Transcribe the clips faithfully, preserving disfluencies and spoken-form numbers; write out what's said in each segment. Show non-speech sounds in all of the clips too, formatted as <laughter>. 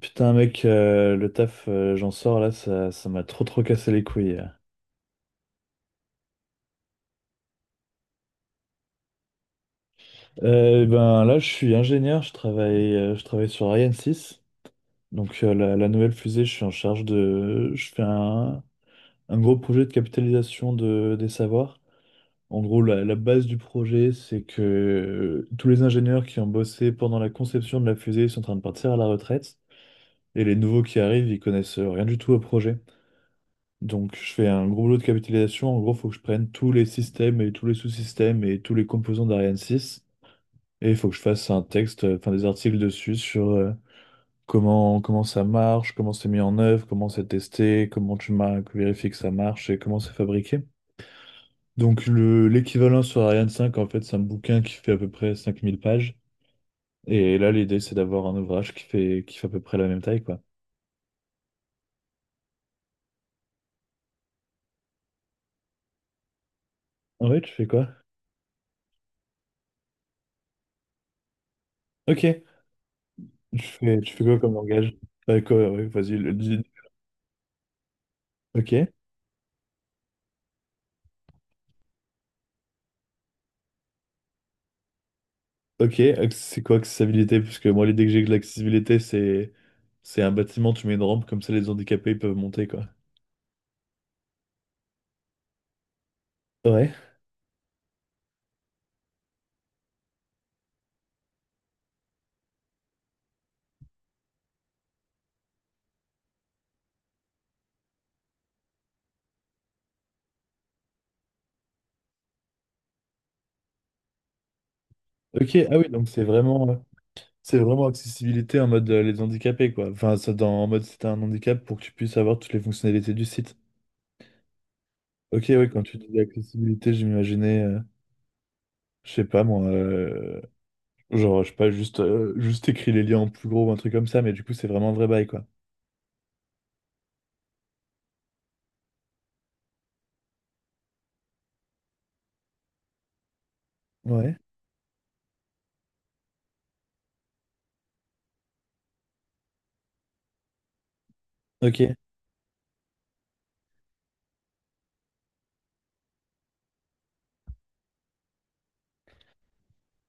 Putain, mec, euh, le taf, euh, j'en sors là, ça, ça m'a trop trop cassé les couilles. Euh, et ben là, je suis ingénieur, je travaille, euh, je travaille sur Ariane six. Donc euh, la, la nouvelle fusée, je suis en charge de, je fais un, un gros projet de capitalisation de, des savoirs. En gros, la, la base du projet, c'est que euh, tous les ingénieurs qui ont bossé pendant la conception de la fusée sont en train de partir à la retraite, et les nouveaux qui arrivent, ils connaissent euh, rien du tout au projet. Donc, je fais un gros boulot de capitalisation. En gros, il faut que je prenne tous les systèmes et tous les sous-systèmes et tous les composants d'Ariane six. Et il faut que je fasse un texte, euh, enfin des articles dessus sur euh, comment, comment ça marche, comment c'est mis en œuvre, comment c'est testé, comment tu mar- vérifies que ça marche et comment c'est fabriqué. Donc, le, l'équivalent sur Ariane cinq en fait, c'est un bouquin qui fait à peu près cinq mille pages. Et là, l'idée, c'est d'avoir un ouvrage qui fait, qui fait à peu près la même taille, quoi. Ah ouais, tu fais quoi? Ok. Tu fais, tu fais quoi comme langage? Euh, quoi, ouais, vas-y, le dis. Ok. Ok, acc- c'est quoi accessibilité? Parce que moi, l'idée que j'ai de l'accessibilité, c'est c'est un bâtiment, tu mets une rampe, comme ça les handicapés ils peuvent monter, quoi. Ouais. Ok, ah oui, donc c'est vraiment euh, c'est vraiment accessibilité en mode euh, les handicapés, quoi. Enfin, ça, dans, en mode si t'as un handicap pour que tu puisses avoir toutes les fonctionnalités du site. Ok, oui, quand tu dis accessibilité, je m'imaginais, euh, je sais pas moi, euh, genre, je sais pas, juste, euh, juste écrit les liens en plus gros ou un truc comme ça, mais du coup, c'est vraiment un vrai bail, quoi. Ouais. Ok.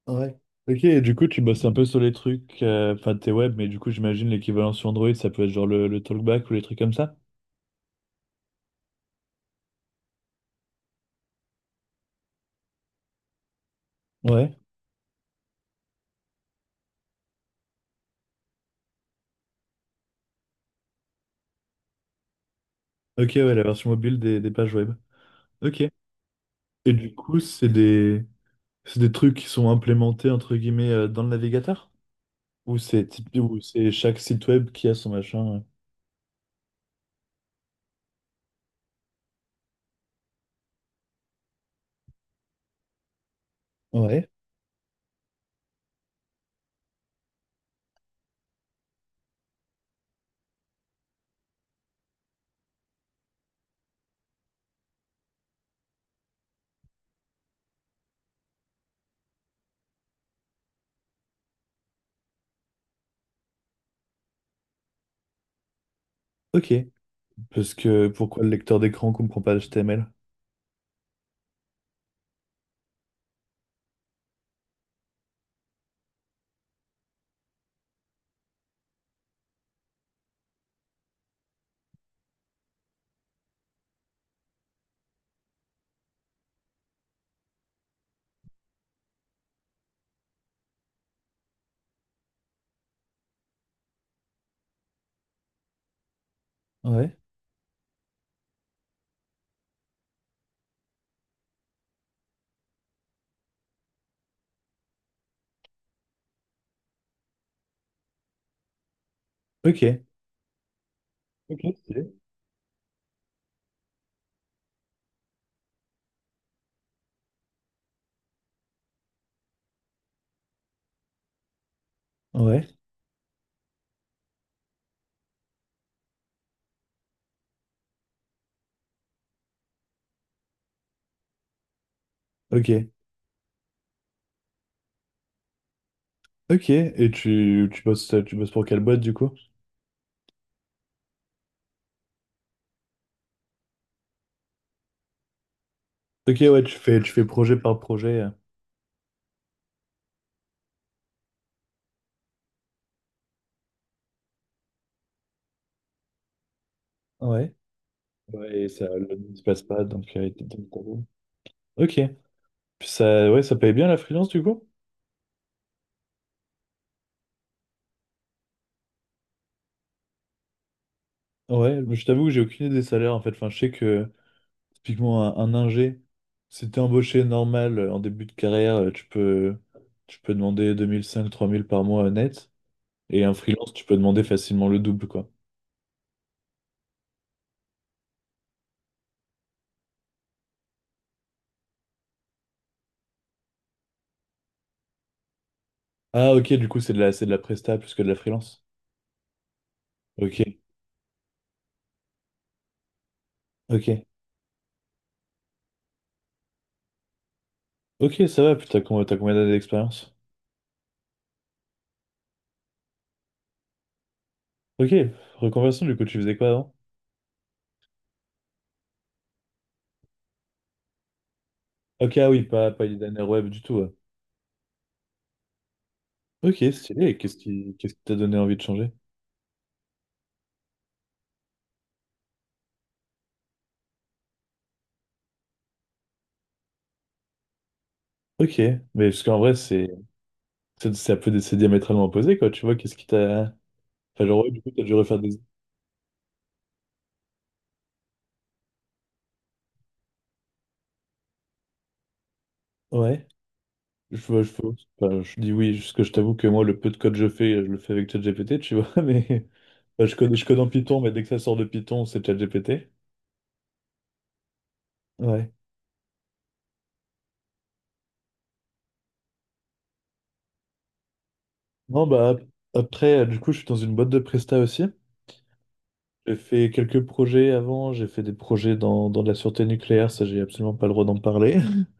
Ouais. Ok, et du coup, tu bosses un peu sur les trucs, euh, enfin, t'es web, mais du coup, j'imagine l'équivalent sur Android, ça peut être genre le, le talkback ou les trucs comme ça. Ouais. Ok, ouais, la version mobile des, des pages web. Ok. Et du coup, c'est des, c'est des trucs qui sont implémentés, entre guillemets, euh, dans le navigateur? Ou c'est typ- ou c'est chaque site web qui a son machin? euh Ouais. Ok. Parce que pourquoi le lecteur d'écran comprend pas H T M L? Ouais. Ok. Ok. Stylé. Ouais. Ok. Ok. Et tu, tu bosses, tu bosses pour quelle boîte, du coup? Ok, ouais, tu fais, tu fais projet par projet. euh. Ouais. Ouais, et ça le ne se passe pas, donc euh, t'es dans le tableau. Ok. Puis ça, ouais, ça paye bien la freelance du coup? Ouais, je t'avoue que j'ai aucune idée des salaires en fait. Enfin, je sais que typiquement un, un ingé, si t'es embauché normal euh, en début de carrière, euh, tu peux, tu peux demander deux mille cinq trois mille par mois euh, net. Et un freelance, tu peux demander facilement le double, quoi. Ah ok, du coup c'est de la, c'est de la presta plus que de la freelance. Ok, ok. Ok, ça va, putain, com- t'as combien d'années d'expérience? Ok, reconversion, du coup, tu faisais quoi avant? Ok, ah oui, pas, pas une dernière web du tout. Ouais. Ok, stylé, et qu'est-ce qui qu'est-ce qui t'a donné envie de changer? Ok, mais parce qu'en vrai, c'est c'est c'est un peu des- c'est diamétralement opposé, quoi, tu vois, qu'est-ce qui t'a… Enfin, genre, ouais, du coup, t'as dû refaire des… Ouais, je, vois- je, vois- enfin, je dis oui, parce que je t'avoue que moi, le peu de code que je fais, je le fais avec ChatGPT, tu vois, <laughs> mais… enfin, je code, je code en Python, mais dès que ça sort de Python, c'est ChatGPT. Ouais. Non, bah, ap- après, euh, du coup, je suis dans une boîte de presta aussi. J'ai fait quelques projets avant, j'ai fait des projets dans, dans de la sûreté nucléaire, ça j'ai absolument pas le droit d'en parler. <laughs>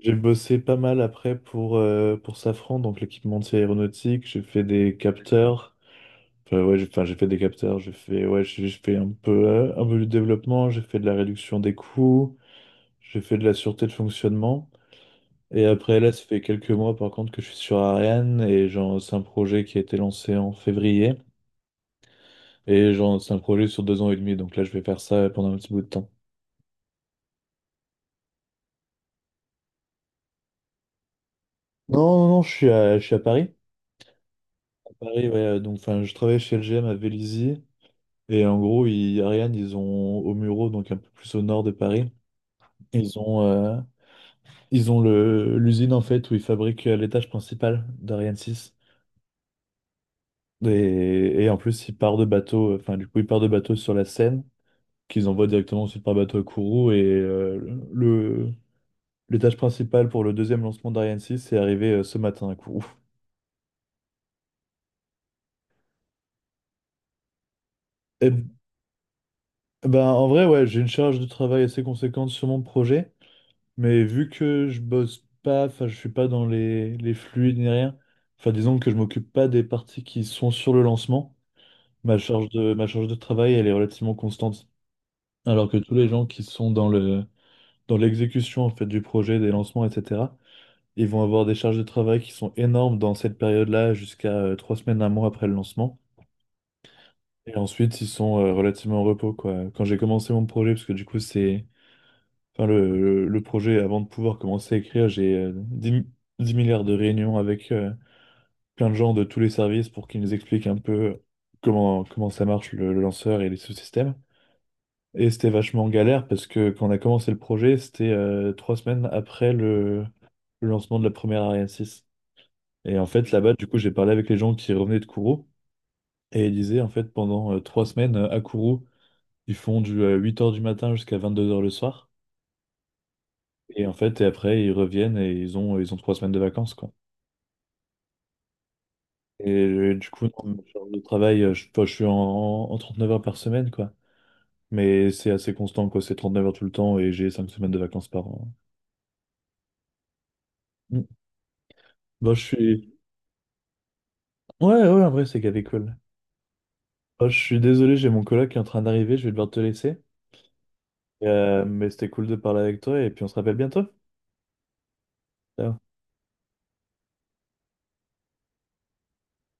J'ai bossé pas mal après pour, euh, pour Safran, donc l'équipementier aéronautique, j'ai fait des capteurs, enfin ouais, j'ai enfin, j'ai fait des capteurs, j'ai fait, ouais, j'ai j'ai fait un peu, euh, un peu du développement, j'ai fait de la réduction des coûts, j'ai fait de la sûreté de fonctionnement. Et après là, ça fait quelques mois par contre que je suis sur Ariane et genre, c'est un projet qui a été lancé en février et genre, c'est un projet sur deux ans et demi, donc là je vais faire ça pendant un petit bout de temps. Non, non, non, je suis à, je suis à Paris. À Paris, ouais, euh, donc enfin, je travaille chez L G M à Vélizy. Et en gros, ils, Ariane, ils ont au Muro, donc un peu plus au nord de Paris, ils ont, euh, ils ont le, l'usine en fait où ils fabriquent euh, l'étage principal d'Ariane six. Et, et en plus, ils partent de bateau, euh, enfin, du coup, ils partent de bateau sur la Seine, qu'ils envoient directement ensuite par bateau à Kourou. Et euh, le, l'étage principal pour le deuxième lancement d'Ariane six est arrivé euh, ce matin à Kourou. Et, ben, en vrai, ouais, j'ai une charge de travail assez conséquente sur mon projet. Mais vu que je bosse pas, enfin je suis pas dans les, les fluides ni rien, enfin disons que je m'occupe pas des parties qui sont sur le lancement, ma charge de, ma charge de travail elle est relativement constante. Alors que tous les gens qui sont dans le, dans l'exécution en fait du projet, des lancements, et cetera, ils vont avoir des charges de travail qui sont énormes dans cette période-là jusqu'à euh, trois semaines, un mois après le lancement. Et ensuite ils sont euh, relativement en repos quoi. Quand j'ai commencé mon projet, parce que du coup c'est enfin, le, le- le projet, avant de pouvoir commencer à écrire, j'ai euh, dix mi- dix milliards de réunions avec euh, plein de gens de tous les services pour qu'ils nous expliquent un peu euh, comment, comment ça marche le, le lanceur et les sous-systèmes. Et c'était vachement galère parce que quand on a commencé le projet, c'était euh, trois semaines après le, le lancement de la première Ariane six. Et en fait, là-bas, du coup, j'ai parlé avec les gens qui revenaient de Kourou et ils disaient, en fait, pendant euh, trois semaines euh, à Kourou, ils font du euh, huit heures du matin jusqu'à vingt-deux heures le soir. Et en fait, et après, ils reviennent et ils ont, ils ont trois semaines de vacances, quoi. Et euh, du coup, non, genre, le travail, euh, je, enfin, je suis en, en trente neuf heures par semaine, quoi. Mais c'est assez constant, quoi. C'est trente neuf heures tout le temps et j'ai cinq semaines de vacances par an. Mm. Bon, je suis… Ouais, ouais, en vrai, c'est gavé cool. Bon, je suis désolé, j'ai mon coloc qui est en train d'arriver, je vais devoir te laisser. Euh, mais c'était cool de parler avec toi et puis on se rappelle bientôt. Ciao.